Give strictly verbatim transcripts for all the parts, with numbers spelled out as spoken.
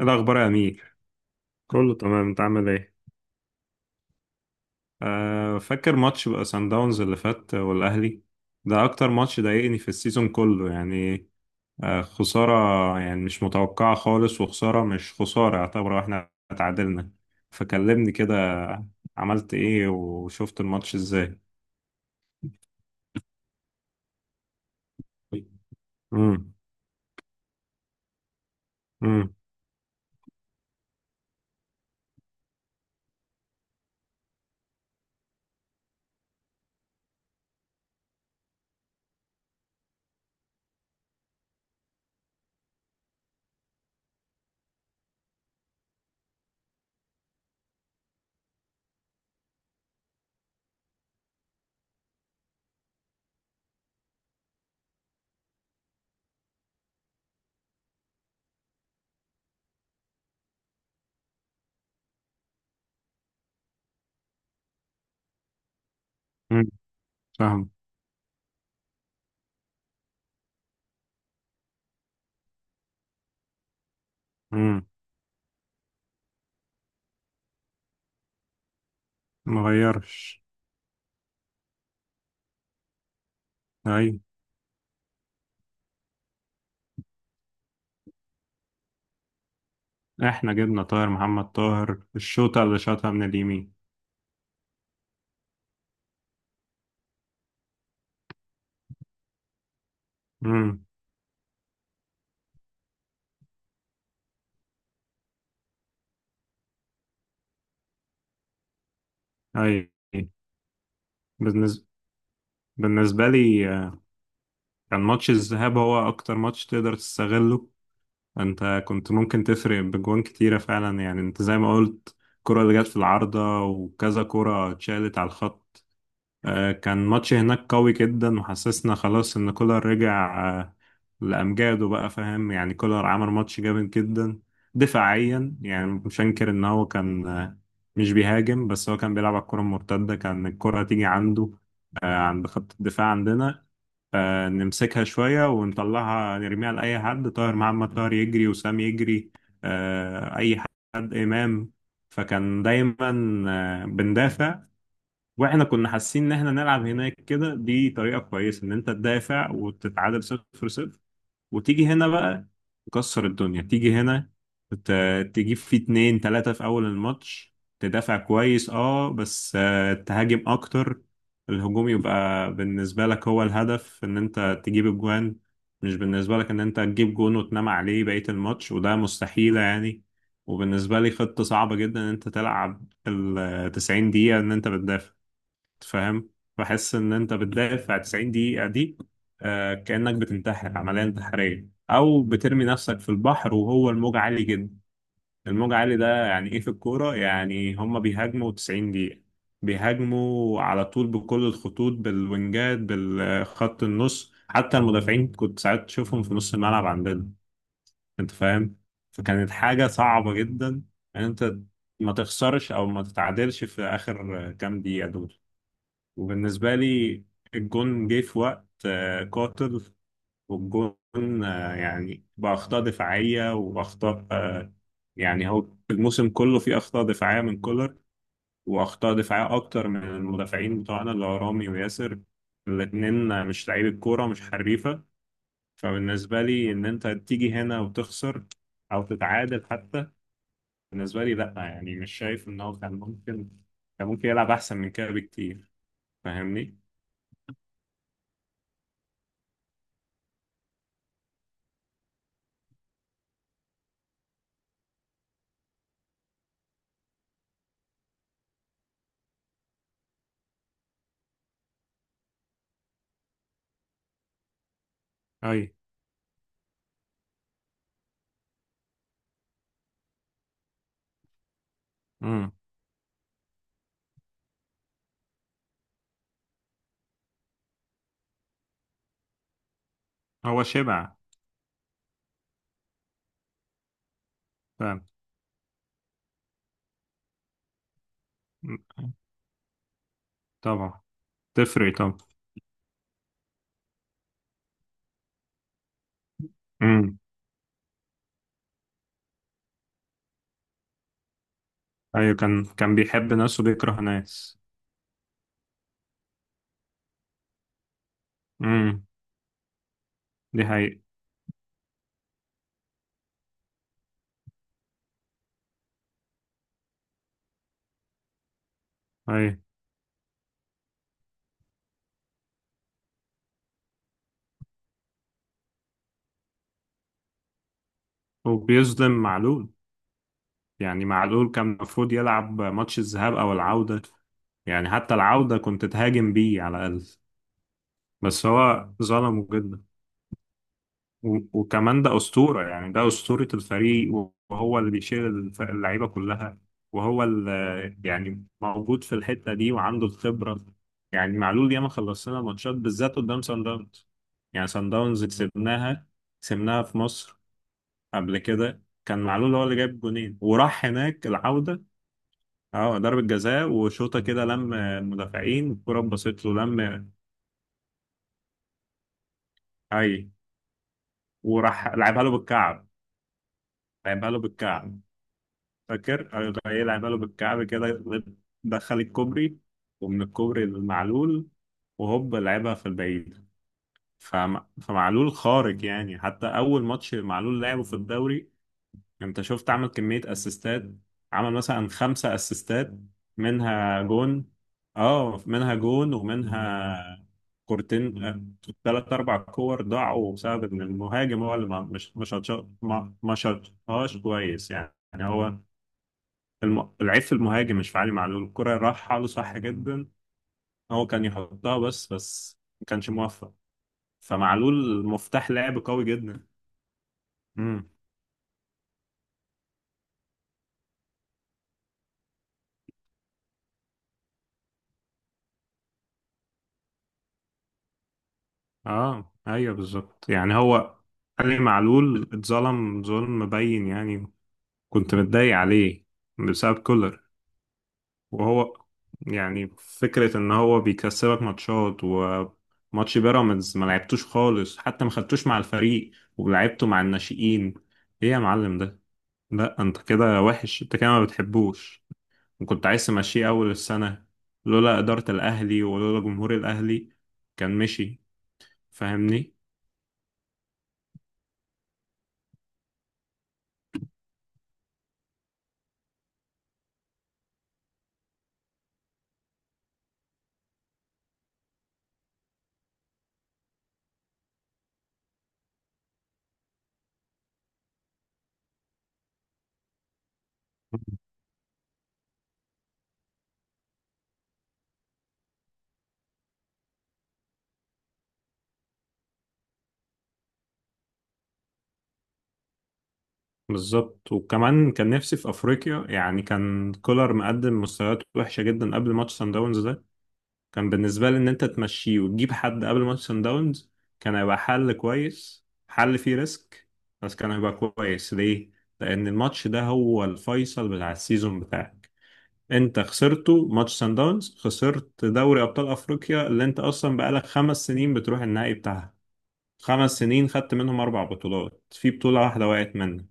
إيه الأخبار يا أمير. كله تمام، أنت عامل إيه؟ آه فاكر ماتش بقى سان داونز اللي فات والأهلي. ده أكتر ماتش ضايقني في السيزون كله يعني. آه، خسارة. يعني مش متوقعة خالص، وخسارة مش خسارة، يعتبر إحنا اتعادلنا. فكلمني كده. عملت إيه وشفت الماتش إزاي؟ امم. امم. امم. فاهم. امم مغيرش. أي. إحنا جبنا طاهر محمد طاهر، الشوطة اللي شاطها من اليمين. امم. أي. بالنسبة بالنسبة لي آه، كان ماتش الذهاب هو أكتر ماتش تقدر تستغله. أنت كنت ممكن تفرق بجوان كتيرة فعلا، يعني أنت زي ما قلت، الكرة اللي جت في العارضة وكذا كرة اتشالت على الخط. آه، كان ماتش هناك قوي جدا، وحسسنا خلاص إن كولر رجع آه، لأمجاده بقى، فاهم؟ يعني كولر عمل ماتش جامد جدا دفاعيا. يعني مش هنكر إن هو كان آه، مش بيهاجم، بس هو كان بيلعب على الكرة المرتدة. كان الكرة تيجي عنده آه، عند خط الدفاع عندنا، آه، نمسكها شوية ونطلعها، نرميها لأي حد، طاهر محمد طاهر يجري، وسام يجري، آه، أي حد، إمام. فكان دايما آه، بندافع. واحنا كنا حاسين ان احنا نلعب هناك كده، دي طريقة كويسة ان انت تدافع وتتعادل صفر صفر، وتيجي هنا بقى تكسر الدنيا. تيجي هنا ت- تجيب فيه اتنين تلاتة في أول الماتش، تدافع كويس اه، بس آه، تهاجم أكتر. الهجوم يبقى بالنسبة لك هو الهدف، إن أنت تجيب الجوان، مش بالنسبة لك إن أنت تجيب جون وتنام عليه بقية الماتش، وده مستحيلة يعني. وبالنسبة لي خطة صعبة جدا إن أنت تلعب التسعين دقيقة إن أنت بتدافع، فاهم؟ بحس ان انت بتدافع 90 دقيقة دي، آه، كأنك بتنتحر، عملية انتحارية، او بترمي نفسك في البحر وهو الموج عالي جدا. الموج عالي ده يعني ايه في الكورة؟ يعني هما بيهاجموا 90 دقيقة، بيهاجموا على طول بكل الخطوط، بالوينجات، بالخط النص، حتى المدافعين كنت ساعات تشوفهم في نص الملعب عندنا. انت فاهم؟ فكانت حاجة صعبة جدا ان انت ما تخسرش او ما تتعادلش في اخر كام دقيقة دول. وبالنسبة لي الجون جه في وقت آه، قاتل. والجون آه، يعني بأخطاء دفاعية وأخطاء، آه، يعني هو الموسم كله فيه أخطاء دفاعية من كولر، وأخطاء دفاعية أكتر من المدافعين بتوعنا اللي هو رامي وياسر. الاتنين آه، مش لعيبة كورة، مش حريفة. فبالنسبة لي إن أنت تيجي هنا وتخسر أو تتعادل حتى، بالنسبة لي لأ. يعني مش شايف إن هو كان ممكن كان ممكن يلعب أحسن من كده بكتير. فاهمني؟ اي. هو شبع. فاهم. م- طبعا. تفرق طبعا. امم. ايوه، كان كان بيحب ناس وبيكره ناس. امم. دي حقيقة. ايوه. وبيظلم معلول. يعني معلول كان المفروض يلعب ماتش الذهاب او العودة، يعني حتى العودة كنت تهاجم بيه على الأقل. بس هو ظلمه جدا. و- وكمان ده أسطورة، يعني ده أسطورة الفريق، وهو اللي بيشيل الف- اللعيبة كلها، وهو اللي يعني موجود في الحتة دي وعنده الخبرة. يعني معلول ياما خلصنا ماتشات بالذات قدام سان داونز. يعني سان داونز كسبناها، كسبناها في مصر. قبل كده كان معلول هو اللي جايب جونين وراح هناك العودة. اه، ضربة جزاء وشوطة كده، لم المدافعين الكرة اتبسط له لم. اي. وراح لعبها له بالكعب، لعبها له بالكعب. فاكر راح يلعب قلب الكعب كده. دخل الكوبري، ومن الكوبري المعلول، وهوب لعبها في البعيد. فم... فمعلول خارج. يعني حتى أول ماتش معلول لعبه في الدوري أنت شفت، عمل كمية أسيستات. عمل مثلا خمسة أسيستات، منها جون. اه، منها جون، ومنها كورتين، ثلاث أربع كور ضاعوا بسبب إن المهاجم هو اللي ما مش مش ما شاطهاش كويس يعني. يعني هو الم... العيب في المهاجم، مش في علي معلول. الكرة راحة له صح جدا، هو كان يحطها بس، بس ما كانش موفق. فمعلول مفتاح لعب قوي جدا. امم. اه، ايوه بالظبط. يعني هو علي معلول اتظلم ظلم مبين يعني. كنت متضايق عليه بسبب كولر. وهو يعني فكرة ان هو بيكسبك ماتشات، وماتش بيراميدز ما لعبتوش خالص، حتى ما خدتوش مع الفريق ولعبته مع الناشئين. ايه يا معلم ده؟ لا انت كده وحش، انت كده ما بتحبوش. وكنت عايز تمشيه اول السنة، لولا إدارة الأهلي ولولا جمهور الأهلي كان مشي. فاهمني؟ بالظبط. وكمان كان نفسي في أفريقيا. يعني كان كولر مقدم مستويات وحشة جدا قبل ماتش سان داونز ده. كان بالنسبة لي إن أنت تمشيه وتجيب حد قبل ماتش سان داونز، كان هيبقى حل كويس، حل فيه ريسك، بس كان هيبقى كويس. ليه؟ لأن الماتش ده هو الفيصل بتاع السيزون بتاعك. انت خسرته ماتش سان داونز، خسرت دوري ابطال افريقيا اللي انت اصلا بقالك خمس سنين بتروح النهائي بتاعها. خمس سنين خدت منهم اربع بطولات، في بطولة واحدة وقعت منك.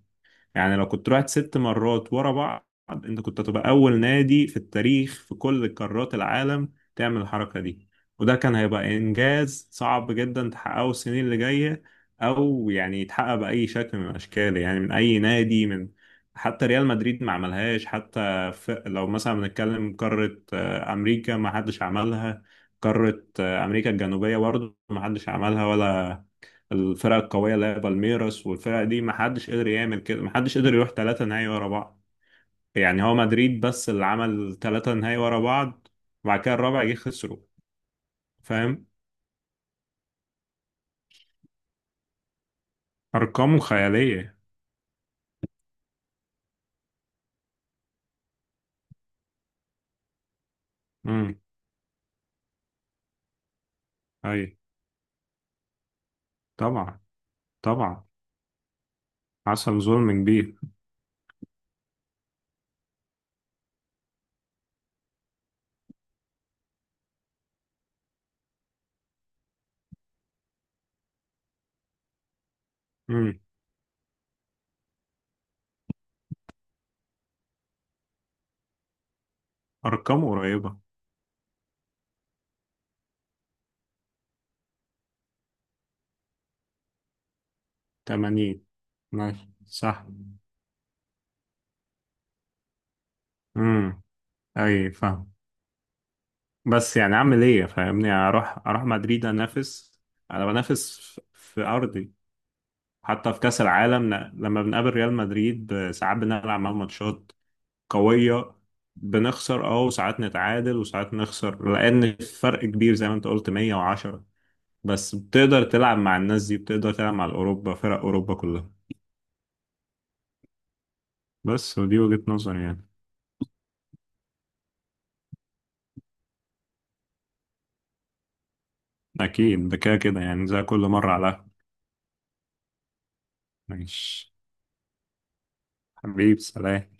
يعني لو كنت رحت ست مرات ورا بعض، انت كنت هتبقى اول نادي في التاريخ في كل قارات العالم تعمل الحركة دي. وده كان هيبقى انجاز صعب جدا تحققه السنين اللي جاية، او يعني يتحقق بأي شكل من الاشكال، يعني من اي نادي. من حتى ريال مدريد ما عملهاش. حتى في لو مثلا بنتكلم قارة آه، امريكا، ما حدش عملها. قارة آه، امريكا الجنوبية برضه ما حدش عملها، ولا الفرق القوية اللي هي بالميراس والفرق دي ما حدش قدر يعمل كده. ما حدش قدر يروح ثلاثة نهائي ورا بعض. يعني هو مدريد بس اللي عمل ثلاثة نهائي ورا بعض، وبعد كده الرابع جه خسره. فاهم. أرقامه خيالية. امم. أي. طبعا. طبعا، حصل ظلم كبير. امم. أرقامه قريبة. تمانين. ماشي، صح. امم. أي فاهم. بس يعني أعمل إيه؟ فاهمني؟ أروح أروح مدريد أنافس؟ أنا بنافس في في أرضي. حتى في كأس العالم، ن- لما بنقابل ريال مدريد، آه، ساعات بنلعب معاهم ماتشات قوية، بنخسر اه، وساعات نتعادل، وساعات نخسر، لأن الفرق كبير زي ما انت قلت، مية وعشرة. بس بتقدر تلعب مع الناس دي، بتقدر تلعب مع الأوروبا، فرق أوروبا كلها. بس ودي وجهة نظري يعني. أكيد ده كده كده، يعني زي كل مرة على. ماشي. حبيب سلام.